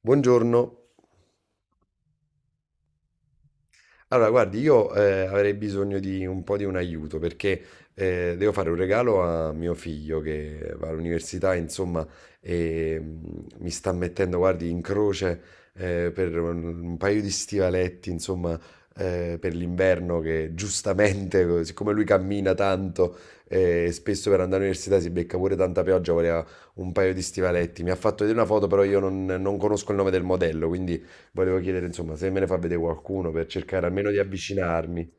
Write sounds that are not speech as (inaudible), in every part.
Buongiorno. Allora, guardi, io avrei bisogno di un po' di un aiuto perché devo fare un regalo a mio figlio che va all'università, insomma, e mi sta mettendo, guardi, in croce per un paio di stivaletti, insomma, per l'inverno che giustamente, (laughs) siccome lui cammina tanto e spesso per andare all'università si becca pure tanta pioggia, voleva un paio di stivaletti. Mi ha fatto vedere una foto, però io non conosco il nome del modello, quindi. Volevo chiedere, insomma, se me ne fa vedere qualcuno per cercare almeno di avvicinarmi.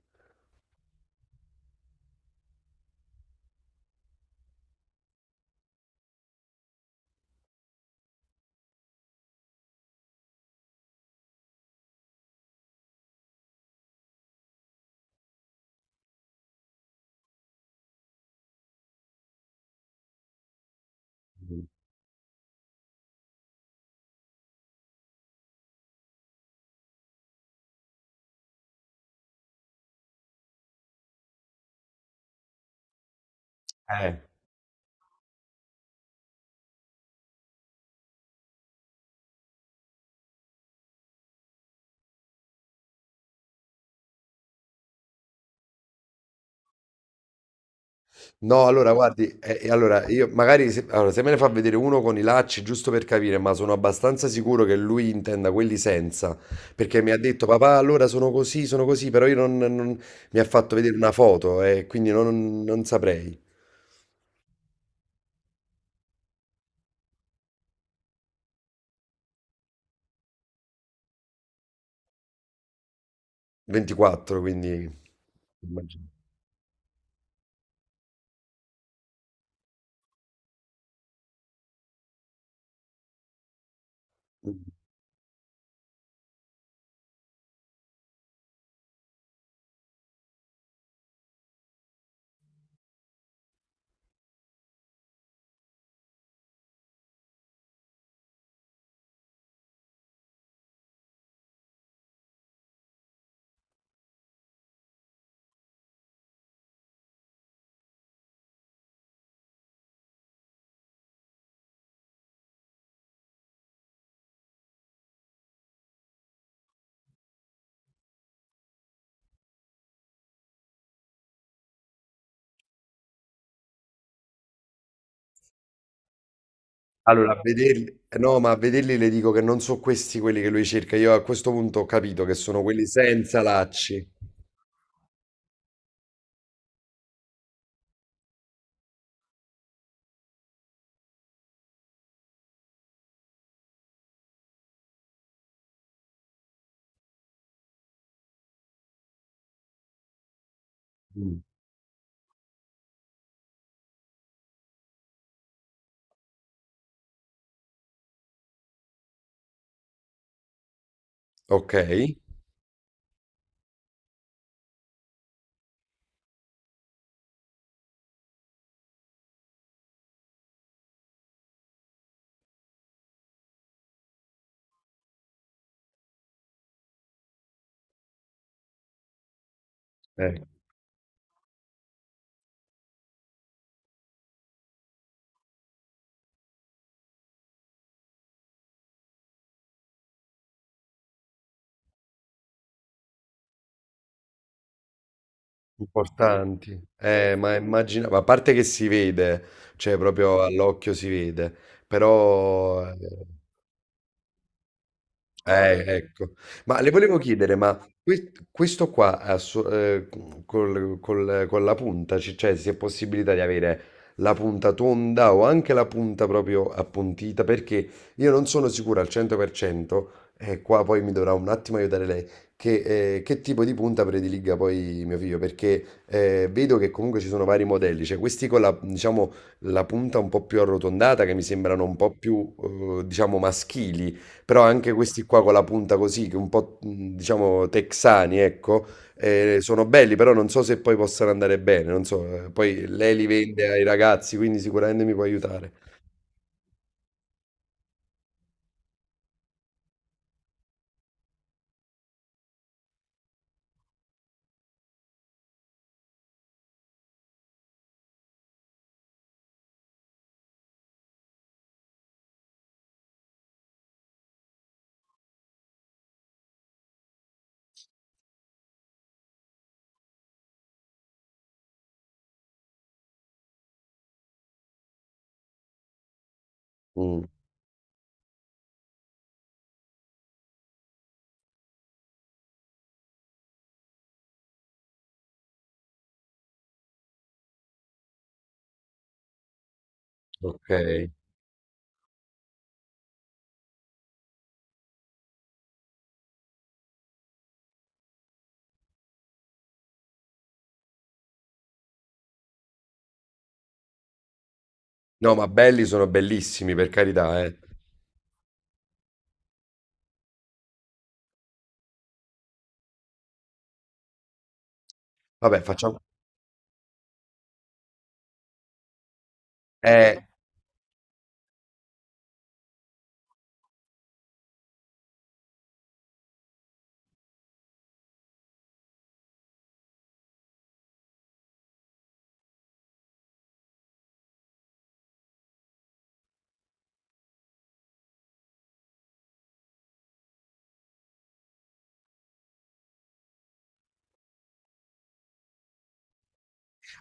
Mm. Eh. No, allora guardi, allora io magari se, allora, se me ne fa vedere uno con i lacci, giusto per capire, ma sono abbastanza sicuro che lui intenda quelli senza, perché mi ha detto papà, allora sono così, però io mi ha fatto vedere una foto e quindi non saprei. 24, quindi immagino. Allora, a vederli, no, ma a vederli le dico che non sono questi quelli che lui cerca. Io a questo punto ho capito che sono quelli senza lacci. Mm. Ok, importanti. Ma immagina, ma a parte che si vede, cioè proprio all'occhio si vede, però eh. Ecco. Ma le volevo chiedere, ma questo qua ha so- col- col- con la punta, cioè se è possibilità di avere la punta tonda o anche la punta proprio appuntita, perché io non sono sicuro al 100%, e qua poi mi dovrà un attimo aiutare lei, che tipo di punta prediliga poi mio figlio, perché vedo che comunque ci sono vari modelli, cioè questi con la, diciamo, la punta un po' più arrotondata, che mi sembrano un po' più, diciamo, maschili, però anche questi qua con la punta così, che un po' diciamo texani, ecco, sono belli, però non so se poi possano andare bene, non so, poi lei li vende ai ragazzi, quindi sicuramente mi può aiutare. Mm, ok. No, ma belli sono bellissimi, per carità, eh. Vabbè, facciamo. Eh,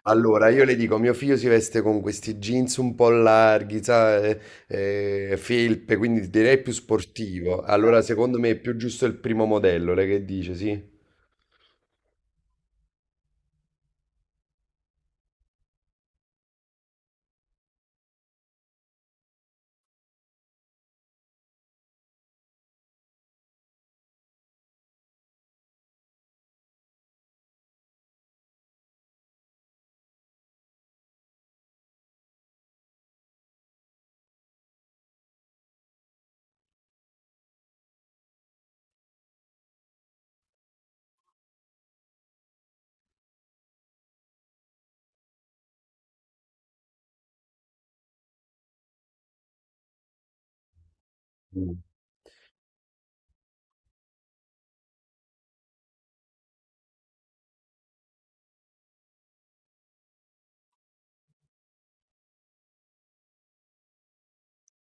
allora, io le dico, mio figlio si veste con questi jeans un po' larghi, sa, felpe, quindi direi più sportivo. Allora, secondo me è più giusto il primo modello, lei che dice, sì? Mm.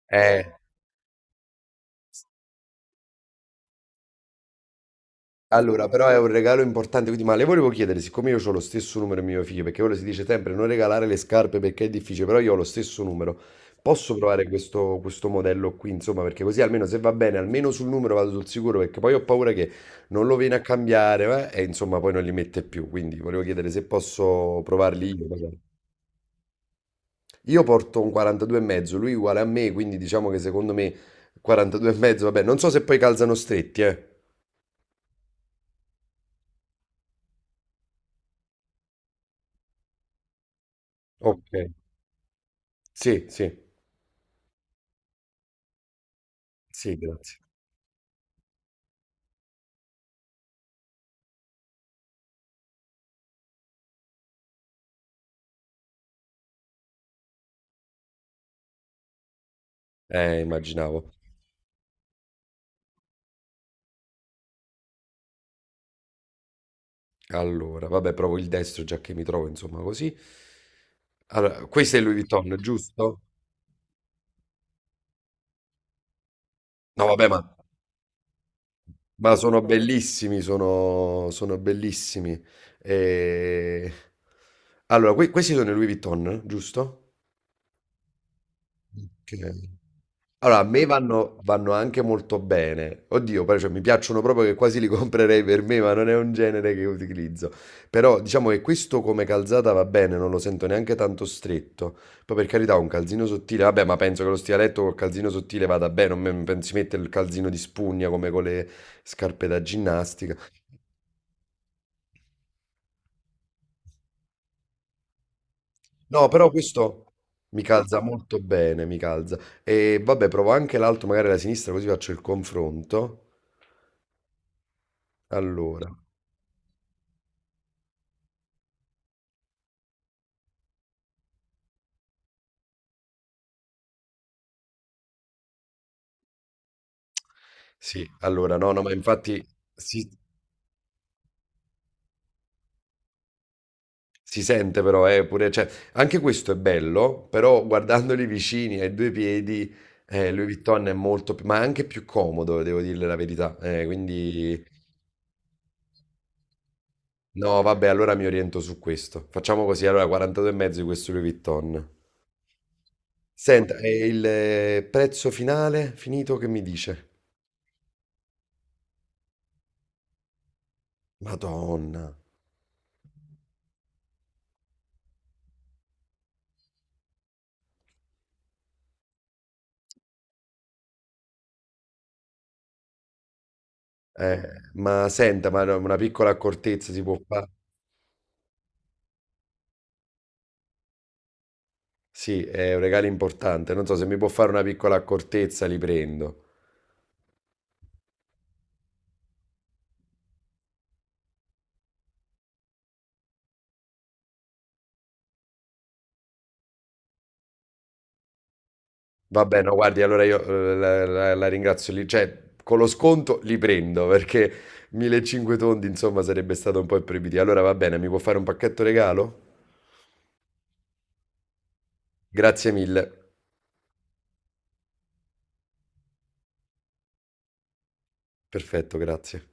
Eh, allora, però è un regalo importante, quindi ma le volevo chiedere, siccome io ho lo stesso numero di mio figlio, perché ora si dice sempre non regalare le scarpe perché è difficile, però io ho lo stesso numero, posso provare questo modello qui, insomma, perché così almeno se va bene, almeno sul numero vado sul sicuro, perché poi ho paura che non lo viene a cambiare, e insomma poi non li mette più, quindi volevo chiedere se posso provarli io magari. Io porto un 42 e mezzo, lui è uguale a me, quindi diciamo che secondo me 42 e mezzo, vabbè, non so se poi calzano stretti, eh. Ok, sì, sì, sì, grazie. Immaginavo. Allora, vabbè, provo il destro già che mi trovo, insomma, così. Allora, questo è Louis Vuitton, giusto? No, vabbè, ma sono bellissimi, sono bellissimi. E. Allora, questi sono i Louis Vuitton, giusto? Ok. Allora, a me vanno anche molto bene. Oddio, però, cioè, mi piacciono proprio che quasi li comprerei per me, ma non è un genere che utilizzo. Però diciamo che questo come calzata va bene, non lo sento neanche tanto stretto. Poi per carità, un calzino sottile, vabbè, ma penso che lo stivaletto col calzino sottile vada bene, non si mette il calzino di spugna come con le scarpe da ginnastica. No, però questo mi calza molto bene, mi calza. E vabbè, provo anche l'altro, magari la sinistra, così faccio il confronto. Allora. Sì, allora no, no, ma infatti si, si sente però, pure, cioè, anche questo è bello, però guardandoli vicini ai due piedi, Louis Vuitton è molto più, ma anche più comodo, devo dirle la verità. Quindi, no, vabbè, allora mi oriento su questo. Facciamo così, allora 42 e mezzo di questo Louis Vuitton. Senta, e il prezzo finale, finito, che mi dice? Madonna. Eh, ma senta, ma no, una piccola accortezza si può fare? Sì, è un regalo importante. Non so se mi può fare una piccola accortezza, li prendo. Va bene, no, guardi, allora io la ringrazio lì. Cioè, con lo sconto li prendo (laughs) perché 1500 tondi, insomma, sarebbe stato un po' imprevedibile. Allora va bene, mi può fare un pacchetto regalo? Grazie mille. Perfetto, grazie.